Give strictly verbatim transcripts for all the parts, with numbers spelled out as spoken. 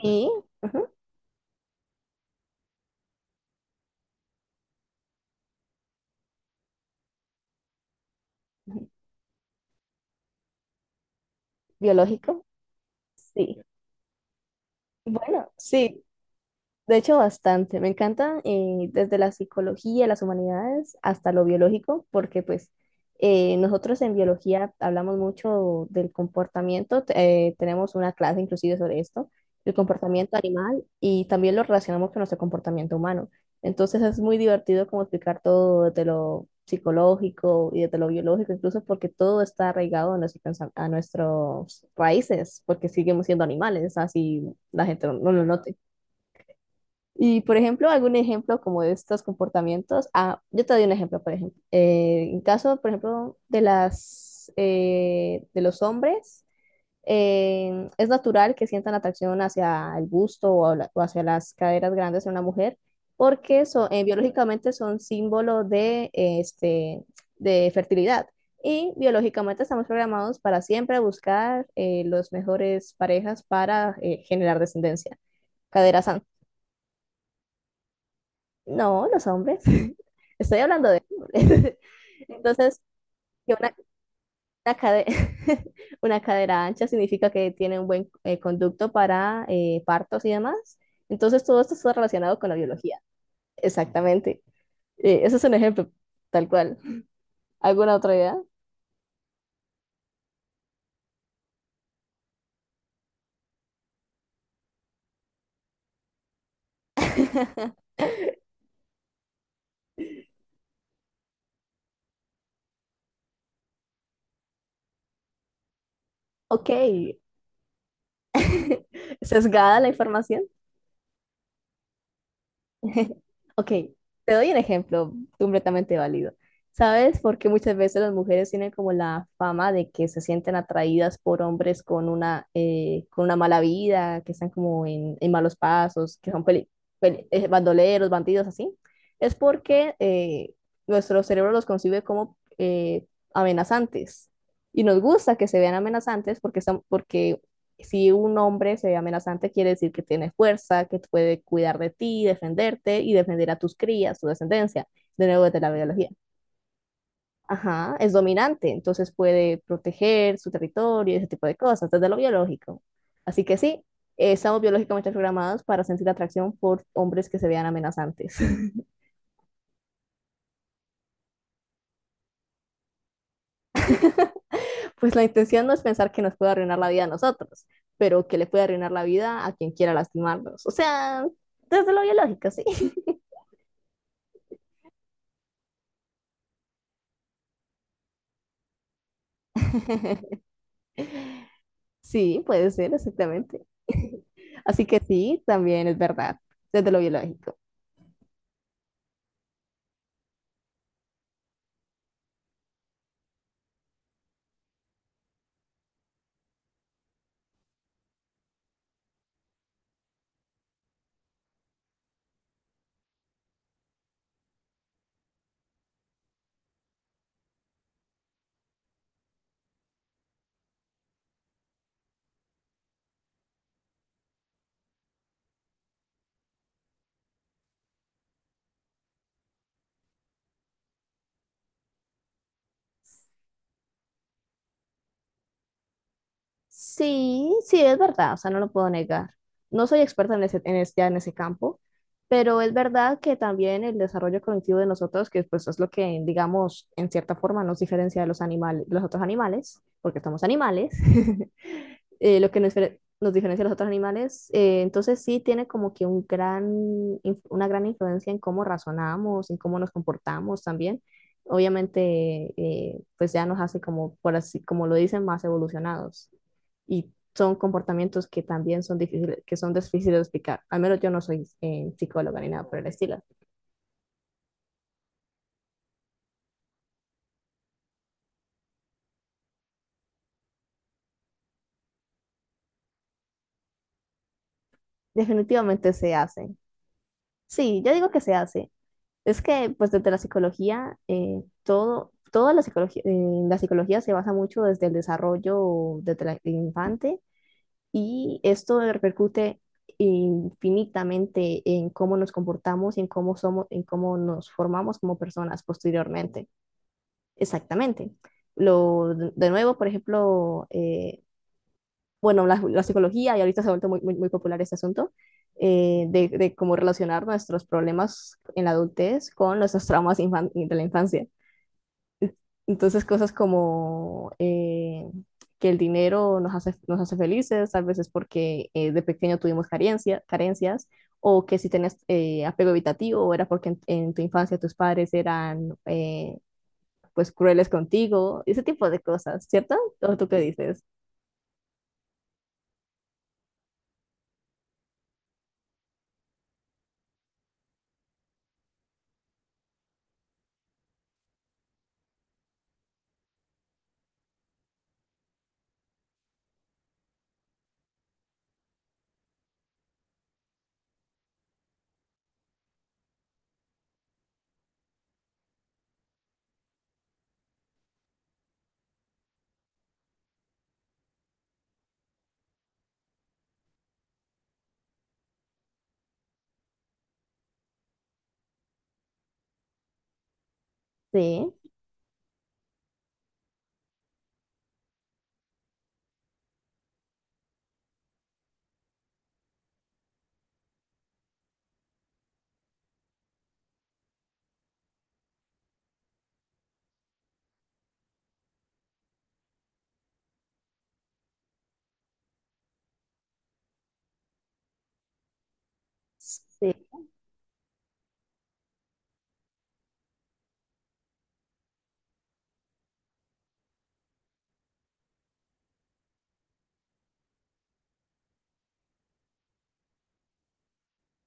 Sí, ajá, biológico, sí. Bueno, sí, de hecho, bastante. Me encanta eh, desde la psicología, las humanidades, hasta lo biológico, porque pues eh, nosotros en biología hablamos mucho del comportamiento, te- eh, tenemos una clase inclusive sobre esto, el comportamiento animal, y también lo relacionamos con nuestro comportamiento humano. Entonces es muy divertido como explicar todo desde lo psicológico y desde lo biológico, incluso porque todo está arraigado a, nuestro pensa- a nuestras raíces, porque seguimos siendo animales, así la gente no lo note. Y, por ejemplo, algún ejemplo como de estos comportamientos. Ah, yo te doy un ejemplo, por ejemplo. Eh, en caso, por ejemplo, de las, eh, de los hombres, eh, es natural que sientan atracción hacia el busto o, habla- o hacia las caderas grandes de una mujer, porque son, eh, biológicamente son símbolo de, eh, este, de fertilidad. Y biológicamente estamos programados para siempre buscar eh, los mejores parejas para eh, generar descendencia, caderas no, los hombres. Estoy hablando de hombres. Entonces, que una, una, cade- una cadera ancha significa que tiene un buen eh, conducto para eh, partos y demás. Entonces, todo esto está relacionado con la biología. Exactamente. Eh, ese es un ejemplo, tal cual. ¿Alguna otra idea? Ok, sesgada la información. Ok, te doy un ejemplo completamente válido. ¿Sabes por qué muchas veces las mujeres tienen como la fama de que se sienten atraídas por hombres con una, eh, con una mala vida, que están como en, en malos pasos, que son peli- peli- eh, bandoleros, bandidos, así? Es porque eh, nuestro cerebro los concibe como eh, amenazantes. Y nos gusta que se vean amenazantes porque, son, porque si un hombre se ve amenazante, quiere decir que tiene fuerza, que puede cuidar de ti, defenderte y defender a tus crías, tu descendencia, de nuevo desde la biología. Ajá, es dominante, entonces puede proteger su territorio y ese tipo de cosas, desde lo biológico. Así que sí, eh, estamos biológicamente programados para sentir atracción por hombres que se vean amenazantes. Pues la intención no es pensar que nos puede arruinar la vida a nosotros, pero que le puede arruinar la vida a quien quiera lastimarnos. O sea, desde lo biológico, sí. Sí, puede ser, exactamente. Así que sí, también es verdad, desde lo biológico. Sí, sí, es verdad, o sea, no lo puedo negar. No soy experta en ese, en es- ya en ese campo, pero es verdad que también el desarrollo cognitivo de nosotros, que pues es lo que, digamos, en cierta forma nos diferencia de los animales, los otros animales, porque somos animales, eh, lo que nos, difere- nos diferencia de los otros animales. Eh, entonces sí tiene como que un gran, inf- una gran influencia en cómo razonamos, en cómo nos comportamos también. Obviamente, eh, pues ya nos hace como, por así, como lo dicen, más evolucionados. Y son comportamientos que también son difíciles, que son difíciles de explicar. Al menos yo no soy eh, psicóloga ni nada por el estilo. Definitivamente se hace. Sí, yo digo que se hace. Es que, pues, desde la psicología, eh, todo, toda la psicología, eh, la psicología se basa mucho desde el desarrollo desde la- el infante y esto repercute infinitamente en cómo nos comportamos y en cómo somos, en cómo nos formamos como personas posteriormente. Exactamente. Lo, de nuevo, por ejemplo, eh, bueno, la, la psicología, y ahorita se ha vuelto muy, muy, muy popular este asunto, eh, de, de cómo relacionar nuestros problemas en la adultez con nuestros traumas infan- de la infancia. Entonces, cosas como eh, que el dinero nos hace, nos hace felices, tal vez es porque eh, de pequeño tuvimos carencia, carencias, o que si tenés eh, apego evitativo, era porque en, en tu infancia tus padres eran eh, pues crueles contigo, ese tipo de cosas, ¿cierto? ¿O tú qué dices? Sí, sí,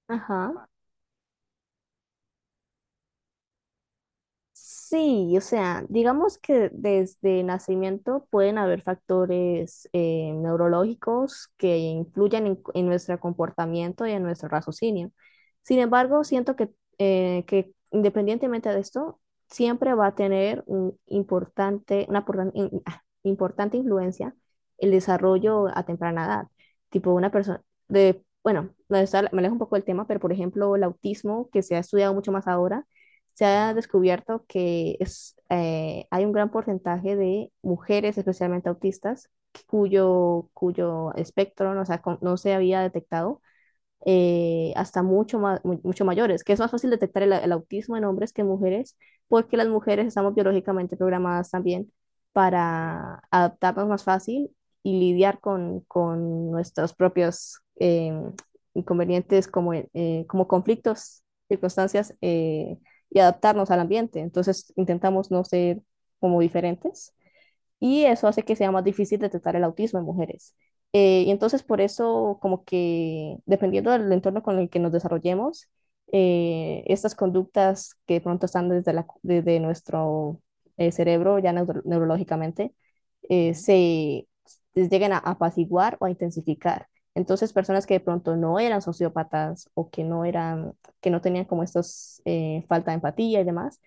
ajá. Sí, o sea, digamos que desde nacimiento pueden haber factores eh, neurológicos que influyen en, en nuestro comportamiento y en nuestro raciocinio. Sin embargo, siento que, eh, que independientemente de esto, siempre va a tener un importante, una portan- in- ah, importante influencia el desarrollo a temprana edad. Tipo una persona de, bueno, me alejo un poco del tema, pero por ejemplo, el autismo, que se ha estudiado mucho más ahora se ha descubierto que es, eh, hay un gran porcentaje de mujeres, especialmente autistas, cuyo, cuyo espectro no, se ha no se había detectado eh, hasta mucho, ma- mu- mucho mayores, que es más fácil detectar el, el autismo en hombres que en mujeres, porque las mujeres estamos biológicamente programadas también para adaptarnos más fácil y lidiar con, con nuestros propios em, inconvenientes como, eh, como conflictos, circunstancias eh, y adaptarnos al ambiente. Entonces intentamos no ser como diferentes y eso hace que sea más difícil detectar el autismo en mujeres. Eh, y entonces por eso, como que dependiendo del entorno con el que nos desarrollemos, eh, estas conductas que de pronto están desde, la, desde nuestro eh, cerebro ya neuro- neurológicamente, eh, se les llegan a apaciguar o a intensificar. Entonces, personas que de pronto no eran sociópatas o que no eran, que no tenían como estos eh, falta de empatía y demás,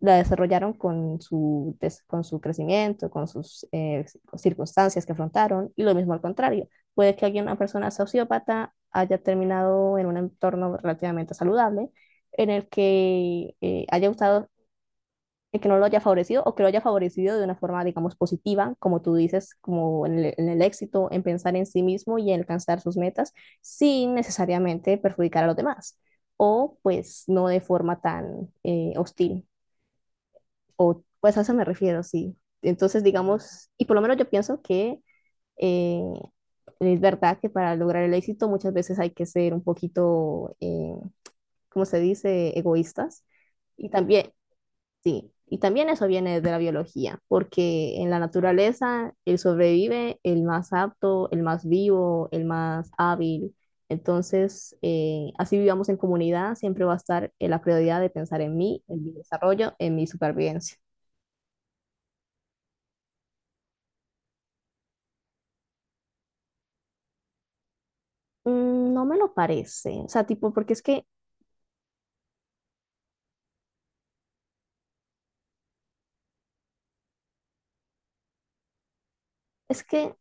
la desarrollaron con su, des- con su crecimiento, con sus eh, circunstancias que afrontaron, y lo mismo al contrario. Puede que alguien, una persona sociópata haya terminado en un entorno relativamente saludable, en el que eh, haya gustado, en que no lo haya favorecido o que lo haya favorecido de una forma, digamos, positiva, como tú dices, como en el, en el éxito, en pensar en sí mismo y en alcanzar sus metas, sin necesariamente perjudicar a los demás, o pues no de forma tan eh, hostil o pues a eso me refiero, sí. Entonces, digamos, y por lo menos yo pienso que eh, es verdad que para lograr el éxito muchas veces hay que ser un poquito, eh, ¿cómo se dice?, egoístas. Y también, sí, y también eso viene de la biología, porque en la naturaleza el sobrevive el más apto, el más vivo, el más hábil. Entonces, eh, así vivamos en comunidad, siempre va a estar en la prioridad de pensar en mí, en mi desarrollo, en mi supervivencia. Mm, no me lo parece. O sea, tipo, porque es que, es que,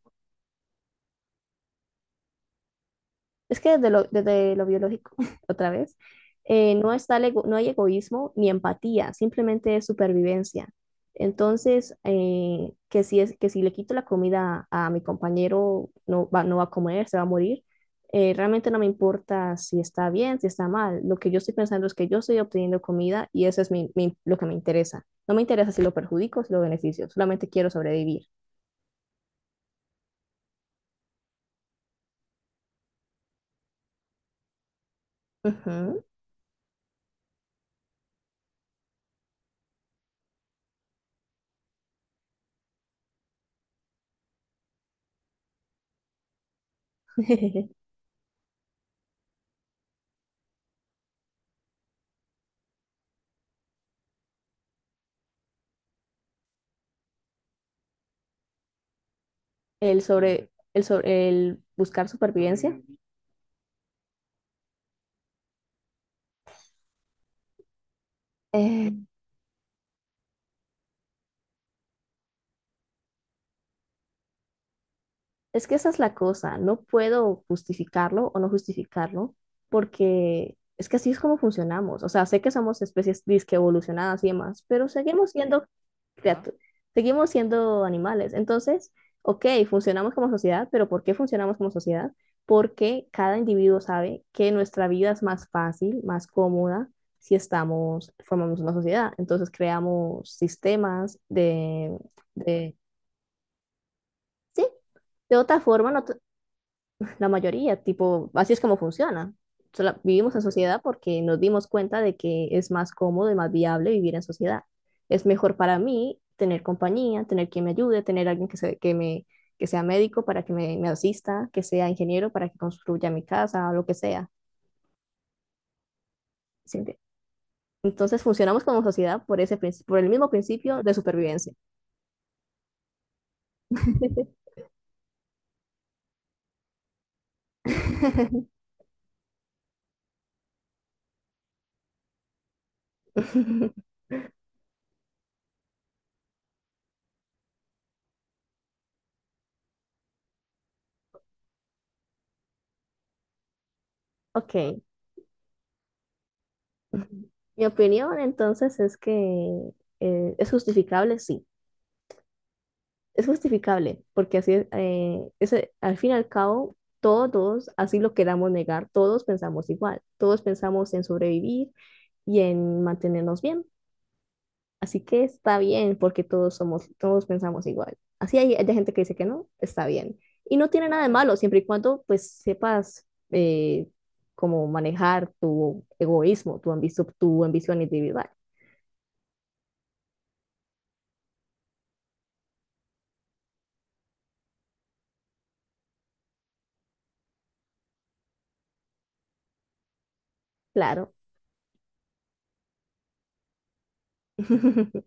es que desde lo, desde lo biológico, otra vez, eh, no está el ego- no hay egoísmo ni empatía, simplemente es supervivencia. Entonces, eh, que si es, que si le quito la comida a mi compañero, no va, no va a comer, se va a morir. Eh, realmente no me importa si está bien, si está mal. Lo que yo estoy pensando es que yo estoy obteniendo comida y eso es mi- mi- lo que me interesa. No me interesa si lo perjudico o si lo beneficio, solamente quiero sobrevivir. Ujú. el sobre, el sobre, el buscar supervivencia. Eh, es que esa es la cosa, no puedo justificarlo o no justificarlo porque es que así es como funcionamos. O sea, sé que somos especies disque evolucionadas y demás, pero seguimos siendo ajá. Criatu- Seguimos siendo animales. Entonces, ok, funcionamos como sociedad, pero ¿por qué funcionamos como sociedad? Porque cada individuo sabe que nuestra vida es más fácil, más cómoda si estamos, formamos una sociedad. Entonces creamos sistemas de, de sí, de otra forma, no- la mayoría, tipo, así es como funciona. O vivimos en sociedad porque nos dimos cuenta de que es más cómodo y más viable vivir en sociedad. Es mejor para mí tener compañía, tener quien me ayude, tener alguien que, se- que, me, que sea médico para que me, me asista, que sea ingeniero para que construya mi casa, o lo que sea. ¿Sí entiende? Entonces funcionamos como sociedad por ese, princi- por el mismo principio de supervivencia. Ok. Mi opinión entonces es que eh, es justificable, sí. Es justificable, porque así es, eh, es, eh, al fin y al cabo, todos, así lo queramos negar, todos pensamos igual, todos pensamos en sobrevivir y en mantenernos bien. Así que está bien porque todos somos, todos pensamos igual. Así hay, hay gente que dice que no, está bien. Y no tiene nada de malo, siempre y cuando pues sepas eh, cómo manejar tu egoísmo, tu ambición, tu ambición individual. Claro.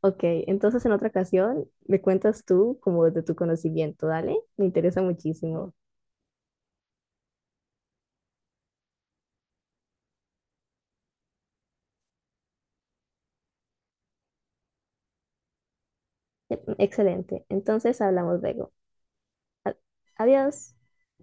Ok, entonces en otra ocasión me cuentas tú como de tu conocimiento, ¿dale? Me interesa muchísimo. Excelente. Entonces hablamos luego. A- Adiós.